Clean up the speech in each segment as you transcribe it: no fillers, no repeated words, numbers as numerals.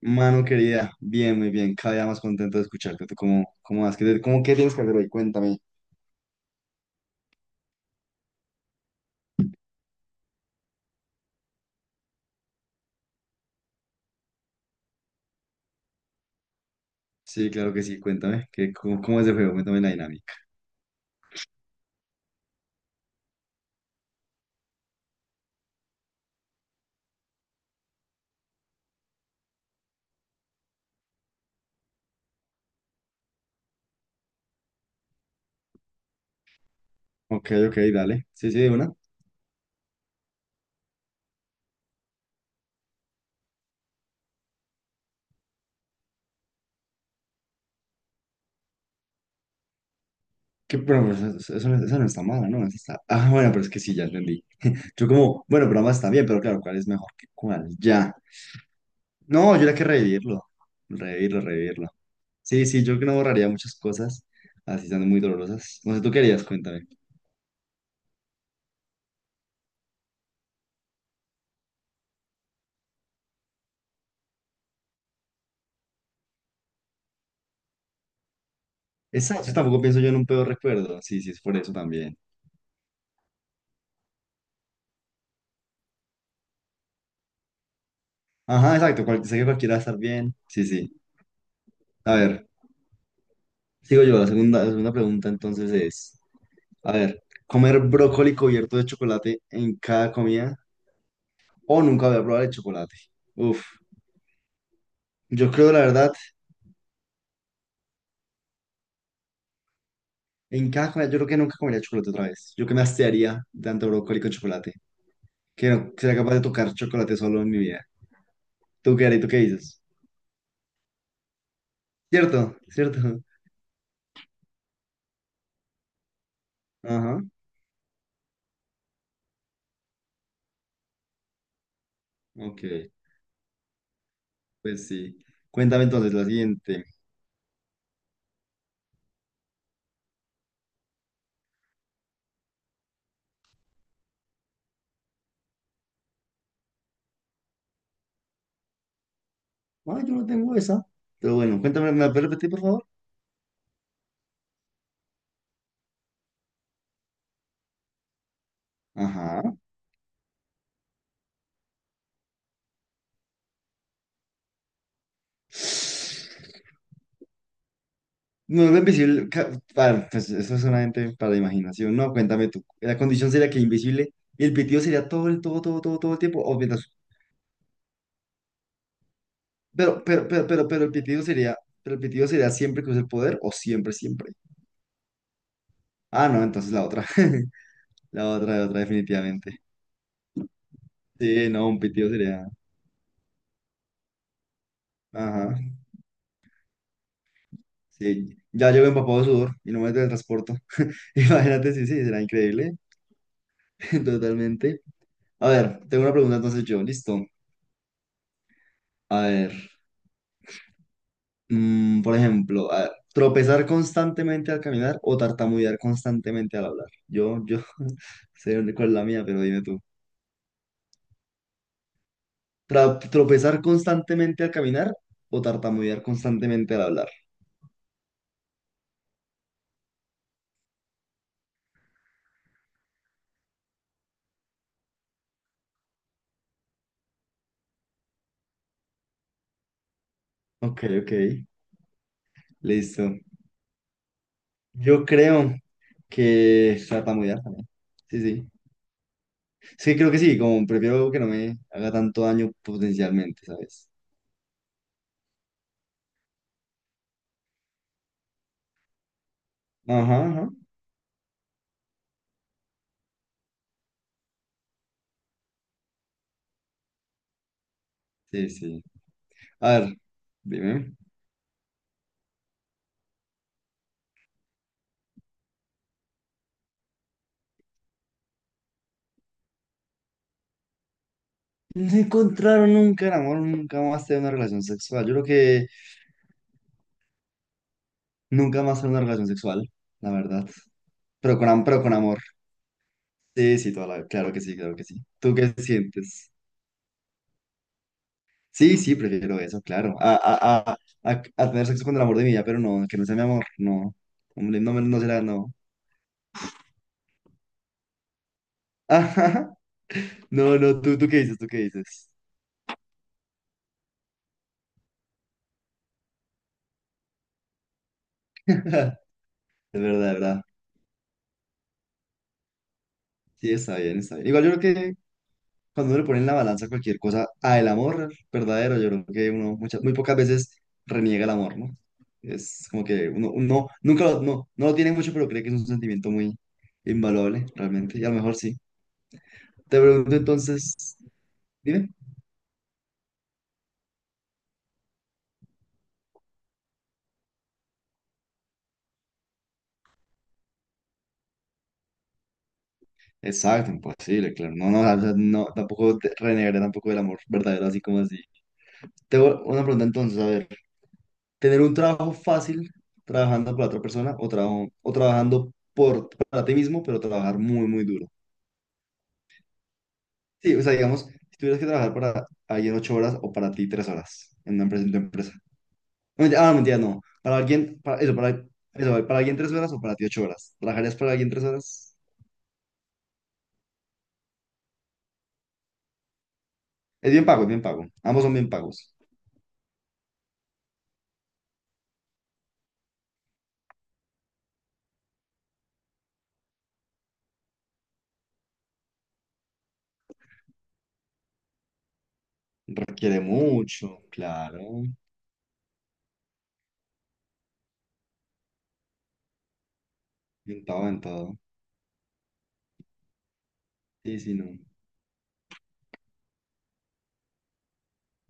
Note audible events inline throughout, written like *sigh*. Mano querida, bien, muy bien, cada día más contento de escucharte. ¿Tú cómo vas? ¿ qué tienes que hacer hoy? Cuéntame. Sí, claro que sí, cuéntame. ¿ cómo es el juego? Cuéntame la dinámica. Ok, ok, dale. Sí, sí, de una. Pero pues eso no está mala, ¿no? Eso está... Ah, bueno, pero es que sí, ya entendí. Yo como, bueno, pero más está bien, pero claro, ¿cuál es mejor que cuál? Ya. No, yo era que revivirlo. Revivirlo, revivirlo. Sí, sí, yo que no borraría muchas cosas, así estando muy dolorosas. No sé, tú querías, cuéntame. Exacto, tampoco pienso yo en un peor recuerdo. Sí, sí, es por eso también. Ajá, exacto. Sé que cualquiera va a estar bien. Sí, sí. A ver, sigo yo. La segunda pregunta entonces es, a ver, ¿comer brócoli cubierto de chocolate en cada comida o nunca voy a probar el chocolate? Uf, yo creo la verdad, en cada comida, yo creo que nunca comería chocolate otra vez. Yo que me hastiaría de tanto brócoli con chocolate, que no sería capaz de tocar chocolate solo en mi vida. ¿Tú qué harías? ¿Tú qué dices? ¿Cierto? ¿Cierto? Ajá, ok, pues sí. Cuéntame entonces la siguiente. Ah, yo no tengo esa. Pero bueno, cuéntame, ¿me la puedes repetir, por favor? Ajá. No, lo invisible. Para, pues eso es solamente para la imaginación. No, cuéntame tú. La condición sería que invisible y el pitido sería todo el, todo, todo, todo, todo el tiempo. O mientras. Pero el pitido sería. Pero el pitido sería siempre que use el poder o siempre, siempre. Ah, no, entonces la otra. *laughs* La otra, definitivamente. Sí, no, un pitido sería. Ajá. Sí. Ya llevo empapado de sudor y no me transporto. *laughs* Imagínate, sí, sí, será increíble. *laughs* Totalmente. A ver, tengo una pregunta entonces yo, listo. A ver, por ejemplo, a ver, tropezar constantemente al caminar o tartamudear constantemente al hablar. *laughs* Sé cuál es la mía, pero dime tú. Tropezar constantemente al caminar o tartamudear constantemente al hablar. Ok, ok, listo. Yo creo que tartamudear también. Sí, sí. Es creo que sí, como prefiero que no me haga tanto daño potencialmente, ¿sabes? Ajá, ajá. Sí, sí. A ver, dime. No encontraron nunca el amor, nunca más tener una relación sexual. Yo creo que nunca más tener una relación sexual, la verdad. Pero con, pero con amor. Sí, sí, claro que sí, claro que sí. ¿Tú qué sientes? Sí, sí, prefiero eso, claro. A tener sexo con el amor de mi vida, pero no, que no sea mi amor, no. Hombre, no, no será, no. *laughs* Ajá. No, no, tú qué dices? ¿Tú qué dices? *laughs* Es verdad, es verdad. Sí, está bien, está bien. Igual yo creo que cuando uno le pone en la balanza cualquier cosa al amor verdadero, yo creo que uno muchas, muy pocas veces reniega el amor, ¿no? Es como que uno, uno nunca lo, no, no lo tiene mucho, pero cree que es un sentimiento muy invaluable, realmente, y a lo mejor sí. Te pregunto entonces, dime. Exacto, imposible, claro. No, no, o sea, no, tampoco renegaré tampoco del amor verdadero, así como así. Tengo una pregunta entonces, a ver, ¿tener un trabajo fácil trabajando para otra persona o o trabajando para ti mismo, pero trabajar muy, muy duro? Sí, o sea, digamos, si tuvieras que trabajar para alguien ocho horas o para ti tres horas en una empresa, en tu empresa. No, mentira, ah, mentira, no. Para alguien, para eso, para, eso, para alguien tres horas o para ti ocho horas. ¿Trabajarías para alguien tres horas? Es bien pago, es bien pago. Ambos son bien pagos. Requiere mucho, claro. En todo, en todo. Sí, sí, no.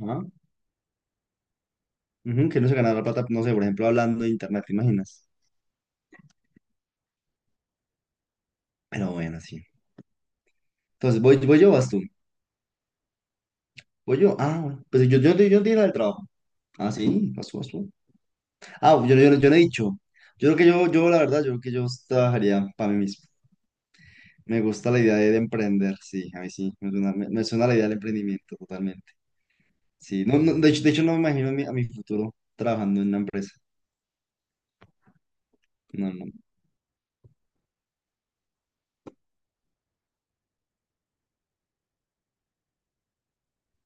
Ajá. Ujú, que no se gana la plata, no sé, por ejemplo, hablando de internet, ¿te imaginas? Pero bueno, sí. Entonces, ¿voy, voy yo o vas tú? ¿Voy yo? Ah, bueno. Pues yo di la del trabajo. Ah, sí, vas tú. Ah, yo no he dicho. Yo creo que la verdad, yo creo que yo trabajaría para mí mismo. Me gusta la idea de emprender, sí, a mí sí, me suena, me suena la idea del emprendimiento totalmente. Sí, no, no, de hecho no me imagino a a mi futuro trabajando en una empresa, no, no,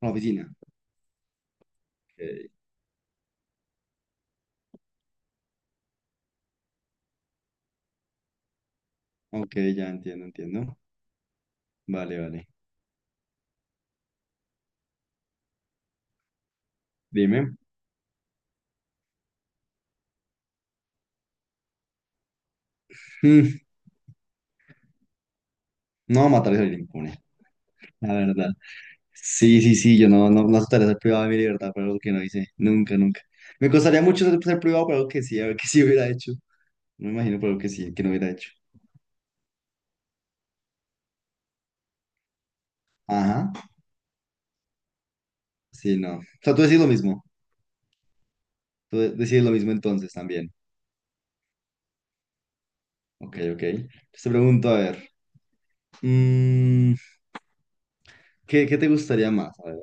una oficina. Ok, ok, ya entiendo, entiendo. Vale, vale. Dime. Mm, no, matar es salir impune, la verdad. Sí, sí, sí, yo no, no, no aceptaría ser privado de mi libertad por algo que no hice, nunca, nunca. Me costaría mucho ser privado por algo que sí, a ver que sí hubiera hecho. No Me imagino, pero que sí, que no hubiera hecho. Ajá, sí, no. O sea, tú decís lo mismo. Tú decís lo mismo entonces también. Ok, ok. Entonces te pregunto, a ver, mm, qué te gustaría más? A ver,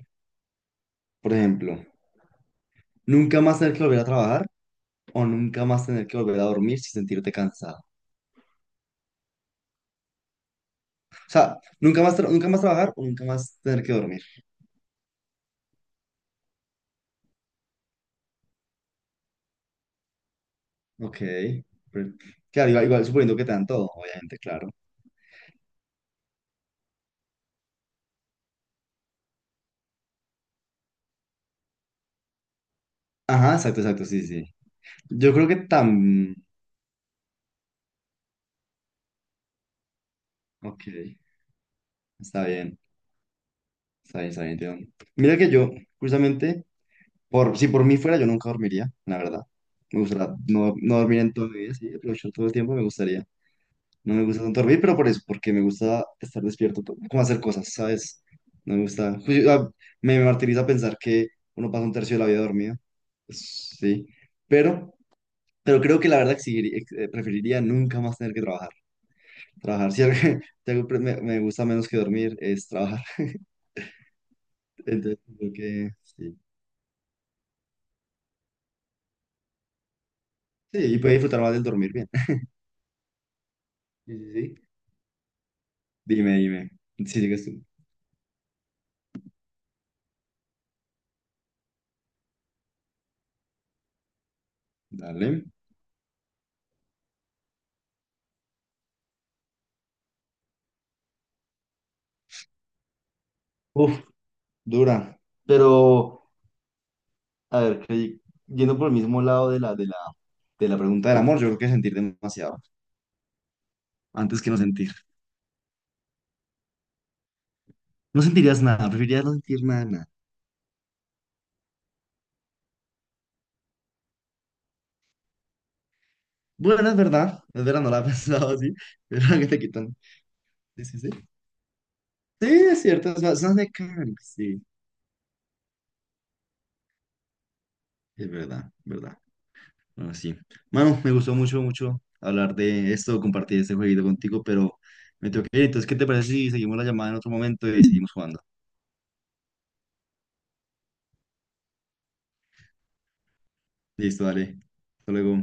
por ejemplo, ¿nunca más tener que volver a trabajar o nunca más tener que volver a dormir sin sentirte cansado? O sea, nunca más trabajar o nunca más tener que dormir? Ok. pero- claro, igual, igual suponiendo que te dan todo, obviamente, claro. Ajá, exacto, exacto, sí, sí. Yo creo que tan... Ok, está bien. Está bien, está bien, entiendo. Mira que yo, justamente, por, si por mí fuera, yo nunca dormiría, la verdad. Me gustaría no dormir en todo mi vida, sí, aprovechar todo el tiempo, me gustaría. No me gusta tanto dormir, pero por eso, porque me gusta estar despierto, como hacer cosas, ¿sabes? No me gusta. Me martiriza pensar que uno pasa un tercio de la vida dormido, pues, sí. Pero, pero creo que la verdad preferiría nunca más tener que trabajar. Trabajar, si algo, *laughs* si algo me gusta menos que dormir es trabajar. *laughs* Entonces, creo que sí. Sí, y puede disfrutar más del dormir bien. *laughs* Sí, sí, sí. Dime, dime. Si sigues tú. Dale. Uf, dura. Pero, a ver, yendo por el mismo lado de la pregunta del amor, yo creo que sentir demasiado antes que no sentir. No sentirías nada, preferirías no sentir nada, nada. Bueno, es verdad, no la he *laughs* pensado así, pero que te quitan. Sí, sí, sí. Sí, es cierto, es más mecánico, sí, es verdad, verdad. Ah, sí. Mano, me gustó mucho, mucho hablar de esto, compartir este jueguito contigo, pero me tengo que ir. Entonces, ¿qué te parece si seguimos la llamada en otro momento y seguimos jugando? Listo, dale. Hasta luego.